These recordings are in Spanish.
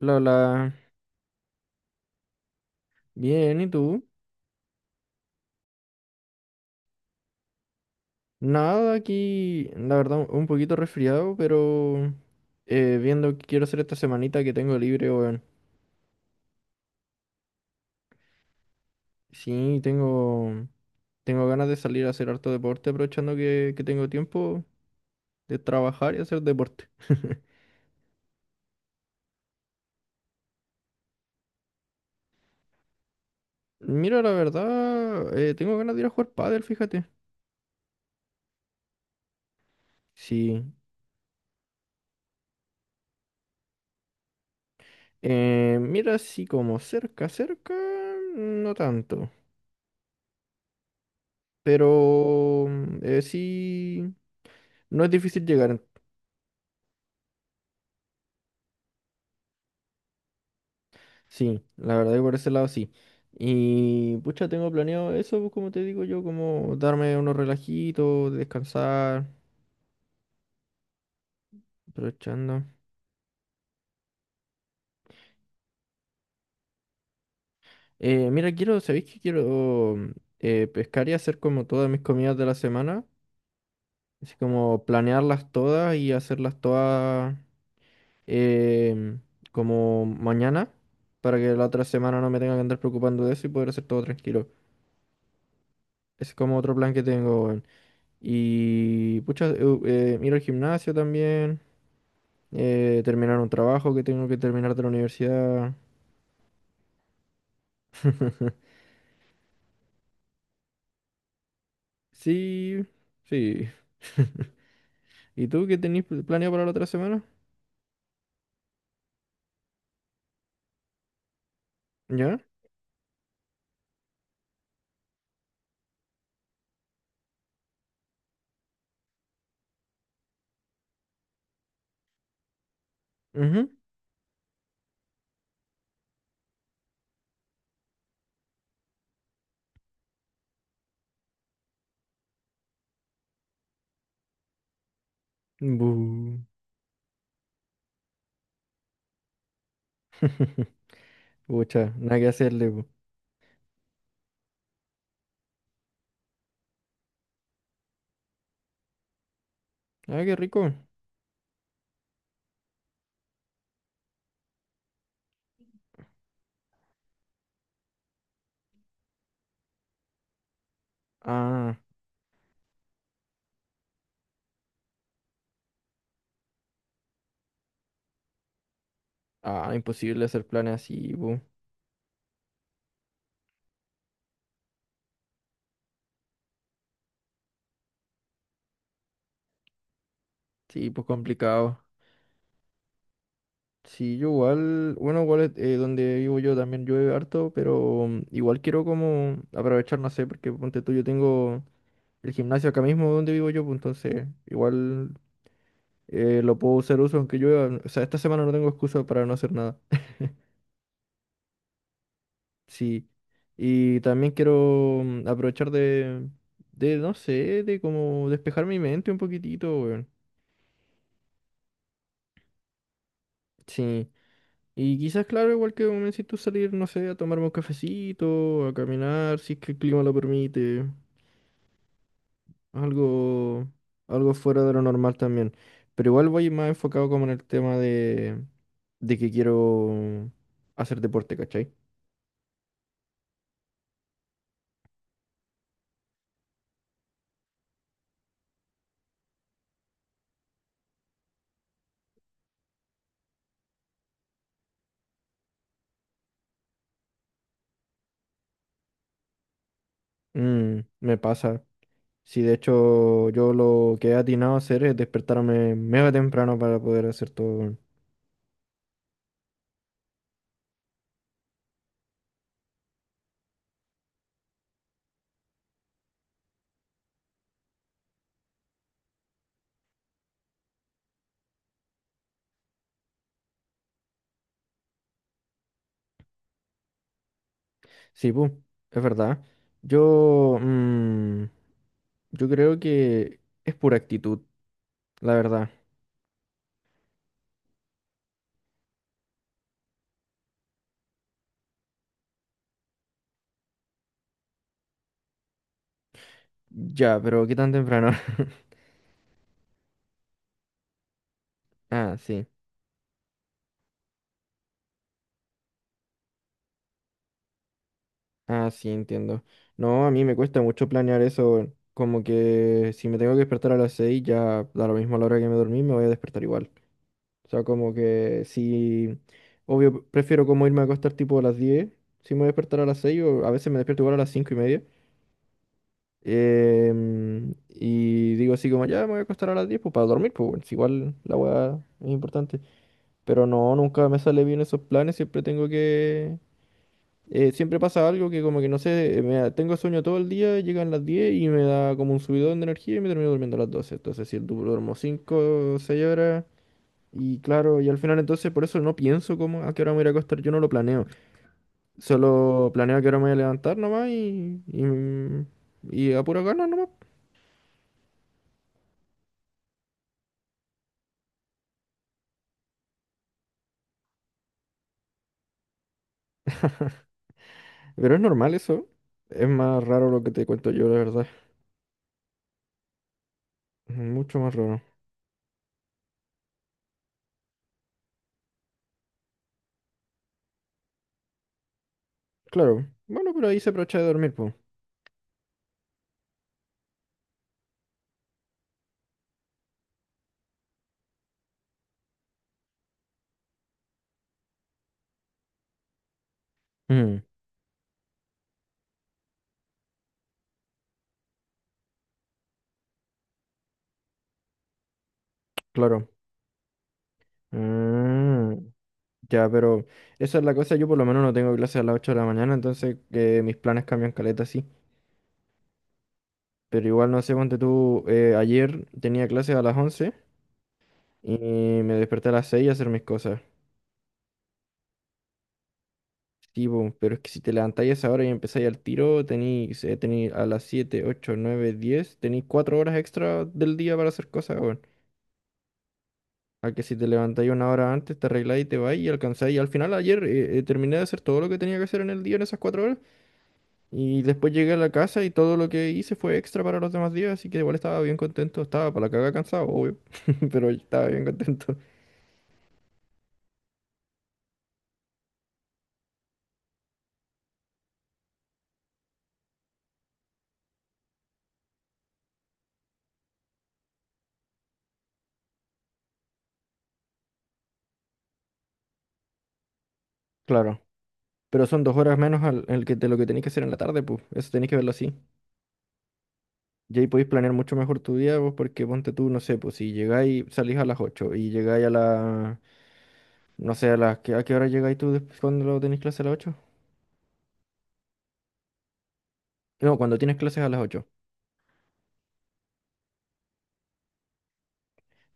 Lola, bien, ¿y tú? Nada, aquí, la verdad, un poquito resfriado, pero viendo qué quiero hacer esta semanita que tengo libre, weón. Sí, tengo ganas de salir a hacer harto deporte, aprovechando que tengo tiempo de trabajar y hacer deporte. Mira, la verdad, tengo ganas de ir a jugar pádel, fíjate. Sí. Mira, sí, como cerca, cerca, no tanto. Pero sí, no es difícil llegar. Sí, la verdad que por ese lado sí. Y pucha, tengo planeado eso, pues, como te digo yo, como darme unos relajitos, descansar, aprovechando. Mira, quiero, ¿sabéis que quiero pescar y hacer como todas mis comidas de la semana? Así como planearlas todas y hacerlas todas em, como mañana, para que la otra semana no me tenga que andar preocupando de eso y poder hacer todo tranquilo. Ese es como otro plan que tengo, weón. Y pucha, ir al gimnasio también. Terminar un trabajo que tengo que terminar de la universidad. Sí, sí. ¿Y tú qué tenés planeado para la otra semana? ¿Ya? Ujú. Bu. Pucha, nada que hacerle, bu. Ah, qué rico. Ah, ah, imposible hacer planes así, bu. Sí, pues complicado. Sí, yo igual, bueno, igual donde vivo yo también llueve harto, pero igual quiero como aprovechar, no sé, porque ponte tú, yo tengo el gimnasio acá mismo donde vivo yo, pues entonces igual lo puedo hacer uso aunque llueva. O sea, esta semana no tengo excusa para no hacer nada. Sí. Y también quiero aprovechar de, no sé, de como despejar mi mente un poquitito, weón. Sí. Y quizás, claro, igual que como me necesito salir, no sé, a tomarme un cafecito, a caminar, si es que el clima lo permite. Algo, algo fuera de lo normal también. Pero igual voy más enfocado como en el tema de que quiero hacer deporte, ¿cachai? Mm, me pasa. Sí, de hecho, yo lo que he atinado a hacer es despertarme mega temprano para poder hacer todo. Sí, pues, es verdad. Yo, yo creo que es pura actitud, la verdad. Ya, pero ¿qué tan temprano? Ah, sí. Ah, sí, entiendo. No, a mí me cuesta mucho planear eso. Como que si me tengo que despertar a las 6 ya da lo mismo a la hora que me dormí, me voy a despertar igual. O sea, como que si... Obvio, prefiero como irme a acostar tipo a las 10 si me voy a despertar a las 6 o a veces me despierto igual a las 5 y media. Y digo así como, ya me voy a acostar a las 10 pues para dormir, pues bueno, si igual la weá es importante. Pero no, nunca me sale bien esos planes, siempre tengo que siempre pasa algo que como que no sé, tengo sueño todo el día, llegan las 10 y me da como un subidón de energía y me termino durmiendo a las doce. Entonces, si duermo 5 o 6 horas y claro, y al final entonces por eso no pienso como a qué hora me voy a ir a acostar, yo no lo planeo. Solo planeo a qué hora me voy a levantar nomás y a pura gana nomás. Pero es normal eso. Es más raro lo que te cuento yo, la verdad. Mucho más raro. Claro. Bueno, pero ahí se aprovecha de dormir, pues. Mm, claro. Mm. Ya, pero esa es la cosa, yo por lo menos no tengo clase a las 8 de la mañana, entonces mis planes cambian caleta, sí. Pero igual, no sé, ponte tú, ayer tenía clase a las 11 y me desperté a las 6 a hacer mis cosas. Sí, po, pero es que si te levantáis a esa hora y empezáis al tiro, tenéis tení a las 7, 8, 9, diez, tenéis 4 horas extra del día para hacer cosas, weón. A que si te levantáis una hora antes, te arregláis y te vais y alcanzáis. Y al final ayer terminé de hacer todo lo que tenía que hacer en el día en esas cuatro horas. Y después llegué a la casa y todo lo que hice fue extra para los demás días, así que igual estaba bien contento. Estaba para la caga cansado, obvio, pero estaba bien contento. Claro. Pero son dos horas menos al, el que, de lo que tenéis que hacer en la tarde, pues. Eso tenéis que verlo así. Y ahí podéis planear mucho mejor tu día, pues, porque ponte tú, no sé, pues si llegáis, salís a las 8 y llegáis a la, no sé, a las, ¿a qué hora llegáis tú después cuando lo tenéis clase a las ocho? No, cuando tienes clases a las ocho.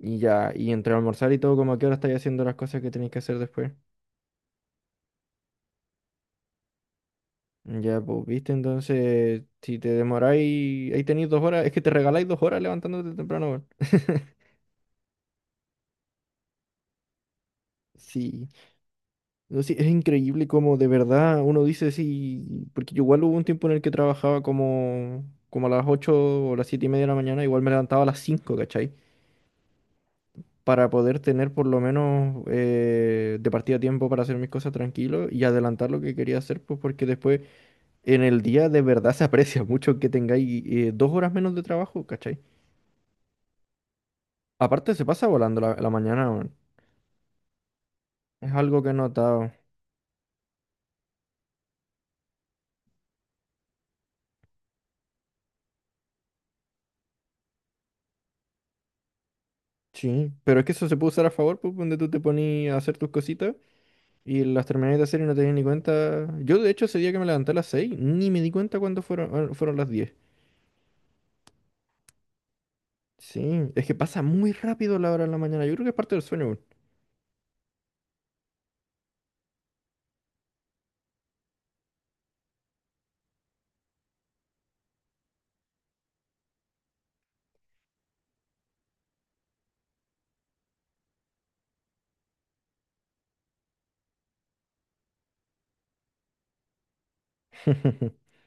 Y ya, y entre almorzar y todo, como a qué hora estáis haciendo las cosas que tenéis que hacer después. Ya, pues, viste, entonces, si te demoráis, ahí tenéis dos horas, es que te regaláis dos horas levantándote temprano, weón. Sí, no, sí, es increíble como de verdad uno dice sí, porque yo igual hubo un tiempo en el que trabajaba como a las 8 o las 7 y media de la mañana, igual me levantaba a las 5, ¿cachai? Para poder tener por lo menos de partida tiempo para hacer mis cosas tranquilo y adelantar lo que quería hacer, pues porque después en el día de verdad se aprecia mucho que tengáis dos horas menos de trabajo, ¿cachai? Aparte se pasa volando la mañana, weón. Es algo que he notado. Sí, pero es que eso se puede usar a favor, pues, donde tú te ponías a hacer tus cositas y las terminabas de hacer y no te das ni cuenta. Yo, de hecho, ese día que me levanté a las 6 ni me di cuenta cuándo fueron, fueron las 10. Sí, es que pasa muy rápido la hora de la mañana. Yo creo que es parte del sueño, weón.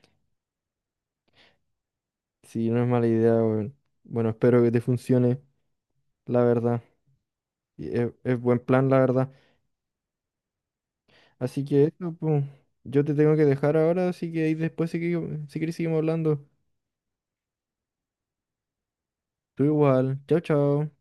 Sí, no es mala idea, weón. Bueno, espero que te funcione, la verdad. Es buen plan, la verdad. Así que eso, pues, yo te tengo que dejar ahora, así que ahí después, si, si querés, seguimos hablando. Tú igual. Chau, chau.